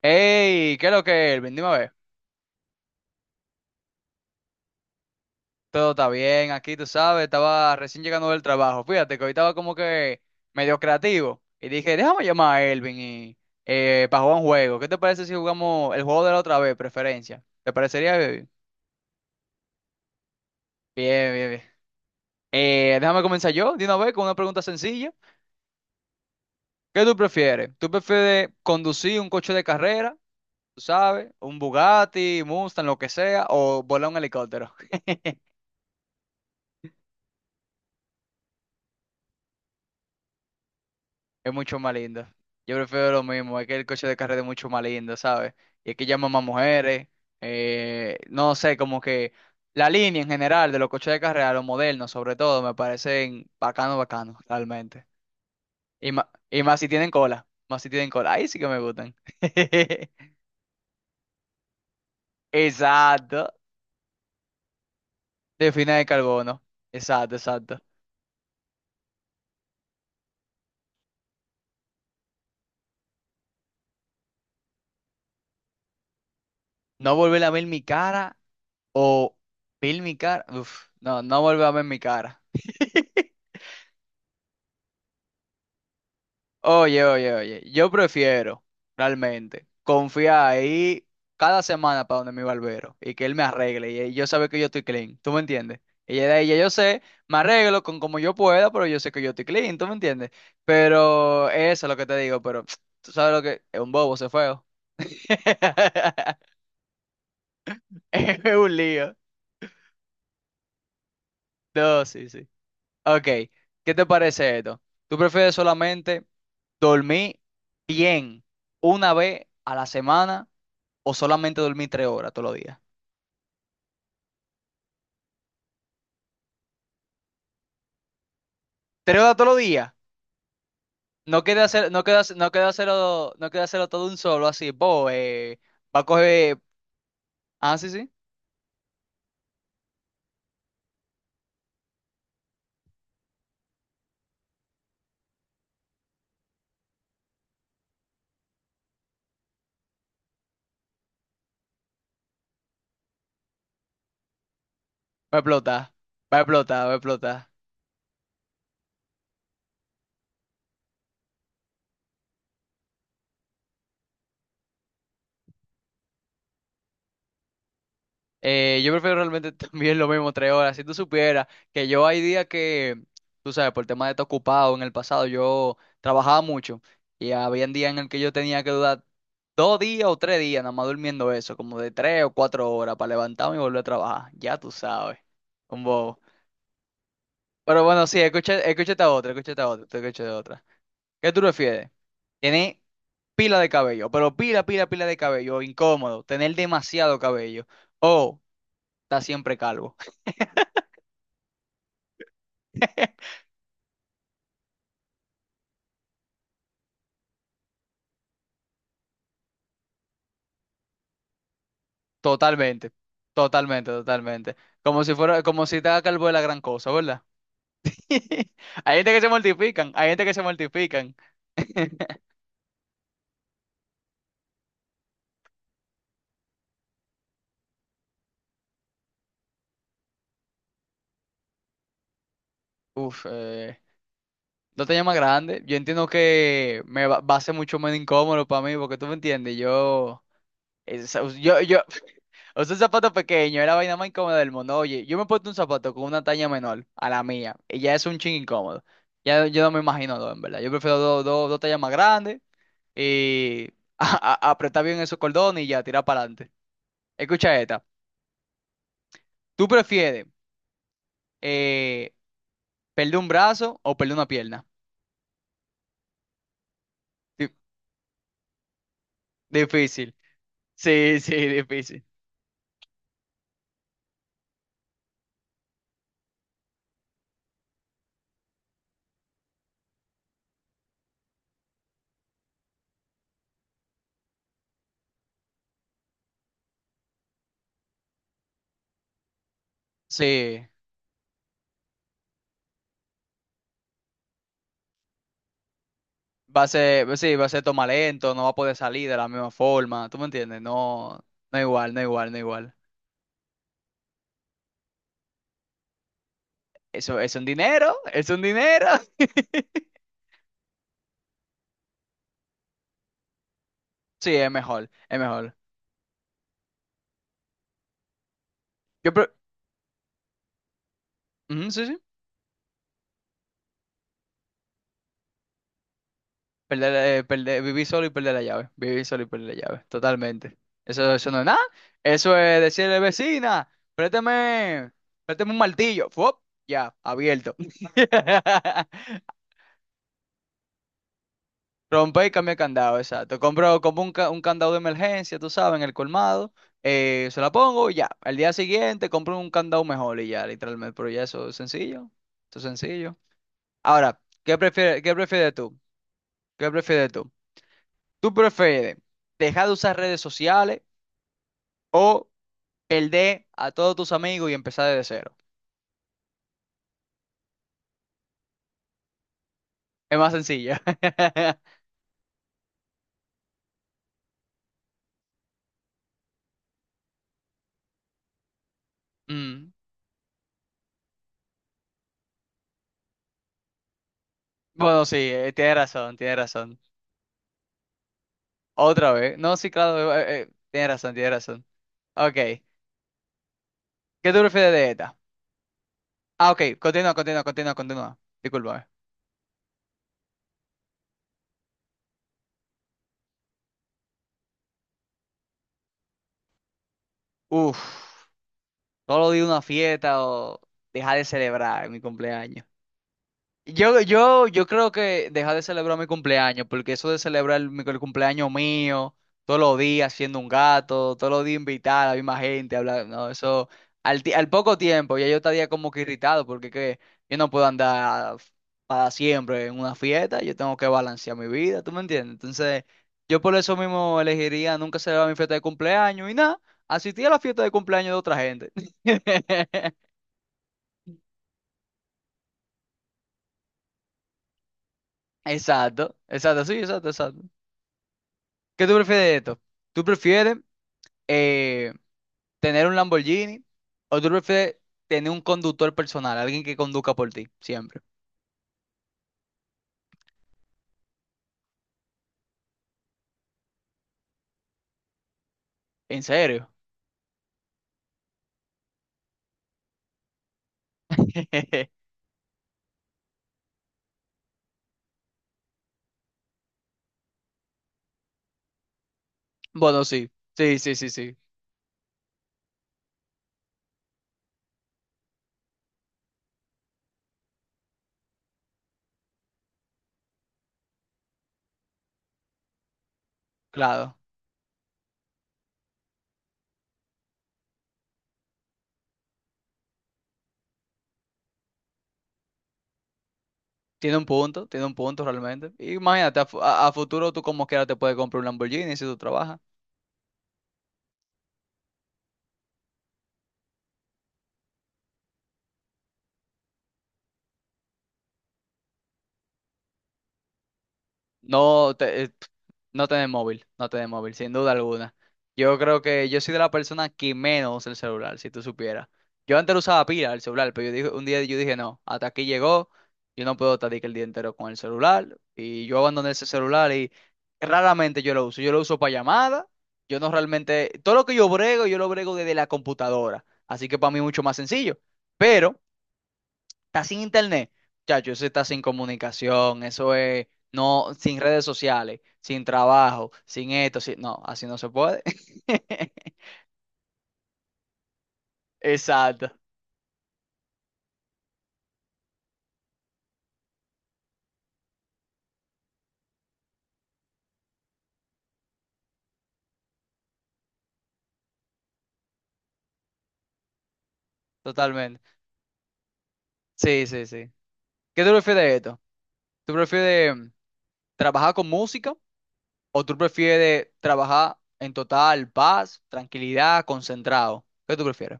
Hey, ¿qué es lo que es, Elvin? Dime a ver. Todo está bien aquí, tú sabes. Estaba recién llegando del trabajo. Fíjate que hoy estaba como que medio creativo. Y dije, déjame llamar a Elvin y, para jugar un juego. ¿Qué te parece si jugamos el juego de la otra vez, preferencia? ¿Te parecería bien? Bien, bien, bien. Déjame comenzar yo, de una vez, con una pregunta sencilla. ¿Qué tú prefieres? ¿Tú prefieres conducir un coche de carrera, tú sabes? ¿Un Bugatti, Mustang, lo que sea, o volar un helicóptero? Es mucho más lindo. Yo prefiero lo mismo, es que el coche de carrera es mucho más lindo, ¿sabes? Y es que llama más mujeres, no sé, como que la línea en general de los coches de carrera, los modernos sobre todo, me parecen bacano, bacano, realmente. Y más si tienen cola, más si tienen cola, ahí sí que me gustan. Exacto, de fina de carbono, exacto, exacto. No volver a ver mi cara o ver mi cara, uf, no, no volver a ver mi cara. Oye, oye, oye, yo prefiero realmente confiar ahí cada semana para donde mi barbero y que él me arregle y yo sabe que yo estoy clean, ¿tú me entiendes? Y ya de ahí ya yo sé, me arreglo con como yo pueda, pero yo sé que yo estoy clean, ¿tú me entiendes? Pero eso es lo que te digo, pero tú sabes lo que es un bobo, se feo. Es un lío. No, sí, sí. Ok, ¿qué te parece esto? ¿Tú prefieres solamente dormir bien una vez a la semana, o solamente dormir tres horas todos los días? Tres horas todos los días. No queda hacer, no queda, hacer- no queda hacerlo, No queda hacerlo todo de un solo así. Bo, va a coger. Ah, sí, sí. Va a explotar. Va a explotar, va a explotar. Yo prefiero realmente también lo mismo, tres horas. Si tú supieras que yo hay días que, tú sabes, por el tema de estar ocupado en el pasado, yo trabajaba mucho. Y había días en el que yo tenía que durar dos días o tres días, nada más durmiendo eso, como de tres o cuatro horas para levantarme y volver a trabajar. Ya tú sabes. Como. Pero bueno, sí, escucha, escúchate de otra. ¿Qué tú prefieres? Tener pila de cabello, pero pila, pila, pila de cabello, incómodo, tener demasiado cabello, o estar siempre calvo. Totalmente, totalmente, totalmente. Como si fuera, como si estaba calvo de la gran cosa, ¿verdad? Hay gente que se mortifican, hay gente que se mortifican. Uf, no te llama grande. Yo entiendo que me va, va a ser mucho menos incómodo para mí, porque tú me entiendes, es- yo. O sea, un zapato pequeño, era la vaina más incómoda del mundo. Oye, yo me he puesto un zapato con una talla menor a la mía y ya es un ching incómodo. Ya yo no me imagino dos, en verdad. Yo prefiero dos tallas más grandes y apretar bien esos cordones y ya tirar para adelante. Escucha esta. ¿Tú prefieres eh, perder un brazo o perder una pierna? Di- difícil. Sí, sí, difícil. Sí. Va a ser, sí, va a ser toma lento, no va a poder salir de la misma forma. ¿Tú me entiendes? No, no igual, no igual, no igual. Eso es un dinero, es un dinero. Sí, es mejor, es mejor. Yo, pre- Ujú, sí, sí. Vivir solo y perder la llave. Vivir solo y perder la llave, totalmente. Eso no es nada. Eso es decirle, vecina, préstame, préstame un martillo. Fuop, ya, abierto. Rompe y cambia el candado, exacto. Compro como un, un candado de emergencia, tú sabes, en el colmado. Se la pongo y ya. Al día siguiente compro un candado mejor y ya, literalmente. Pero ya eso es sencillo. Eso es sencillo. Ahora, qué prefieres tú? ¿Qué prefieres tú? ¿Tú prefieres dejar de usar redes sociales o perder a todos tus amigos y empezar desde cero? Es más sencillo. Mm. Bueno, sí, tienes razón, tiene razón. Otra vez. No, sí, claro, tienes razón, tiene razón. Ok, ¿qué tú prefieres de esta? Ah, ok, continúa, continúa, continúa, continúa. Discúlpame. Uf, solo di una fiesta o dejar de celebrar mi cumpleaños. Yo creo que deja de celebrar mi cumpleaños, porque eso de celebrar el cumpleaños mío, todos los días siendo un gato, todos los días invitar a la misma gente, hablar, no, eso, al poco tiempo, ya yo estaría como que irritado, porque que yo no puedo andar para siempre en una fiesta, yo tengo que balancear mi vida, ¿tú me entiendes? Entonces, yo por eso mismo elegiría nunca celebrar mi fiesta de cumpleaños y nada, asistir a la fiesta de cumpleaños de otra gente. Exacto, exacto, sí, exacto, exacto. ¿Qué tú prefieres de esto? ¿Tú prefieres eh, tener un Lamborghini, o tú prefieres tener un conductor personal, alguien que conduzca por ti, siempre? ¿En serio? Bueno, sí, sí, claro. Tiene un punto realmente. Imagínate, a futuro tú como quiera te puedes comprar un Lamborghini si tú trabajas. Pf, no tener móvil, no tener móvil, sin duda alguna. Yo creo que yo soy de la persona que menos usa el celular, si tú supieras. Yo antes lo usaba pila el celular, pero yo dije, un día yo dije, no, hasta aquí llegó, yo no puedo estar de que el día entero con el celular. Y yo abandoné ese celular y raramente yo lo uso. Yo lo uso para llamadas, yo no realmente, todo lo que yo brego, yo lo brego desde la computadora. Así que para mí es mucho más sencillo. Está sin internet. Chacho, eso está sin comunicación, eso es no, sin redes sociales, sin trabajo, sin esto, sin no, así no se puede. Exacto, totalmente. Sí, sí, sí. ¿Qué tú prefieres de esto? ¿Tú prefieres trabajar con música o tú prefieres trabajar en total paz, tranquilidad, concentrado? ¿Qué tú prefieres?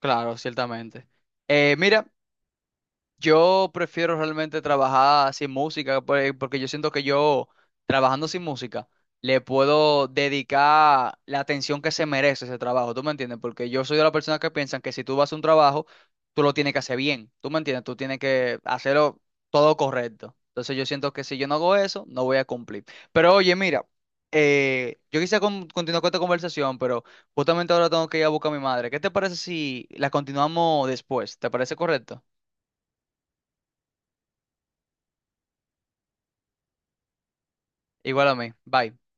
Claro, ciertamente. Mira. Yo prefiero realmente trabajar sin música, pues, porque yo siento que yo, trabajando sin música, le puedo dedicar la atención que se merece ese trabajo, ¿tú me entiendes? Porque yo soy de la persona que piensan que si tú vas a un trabajo, tú lo tienes que hacer bien, ¿tú me entiendes? Tú tienes que hacerlo todo correcto. Entonces yo siento que si yo no hago eso, no voy a cumplir. Pero oye, mira, yo quisiera continuar con esta conversación, pero justamente ahora tengo que ir a buscar a mi madre. ¿Qué te parece si la continuamos después? ¿Te parece correcto? Igual a mí. Bye.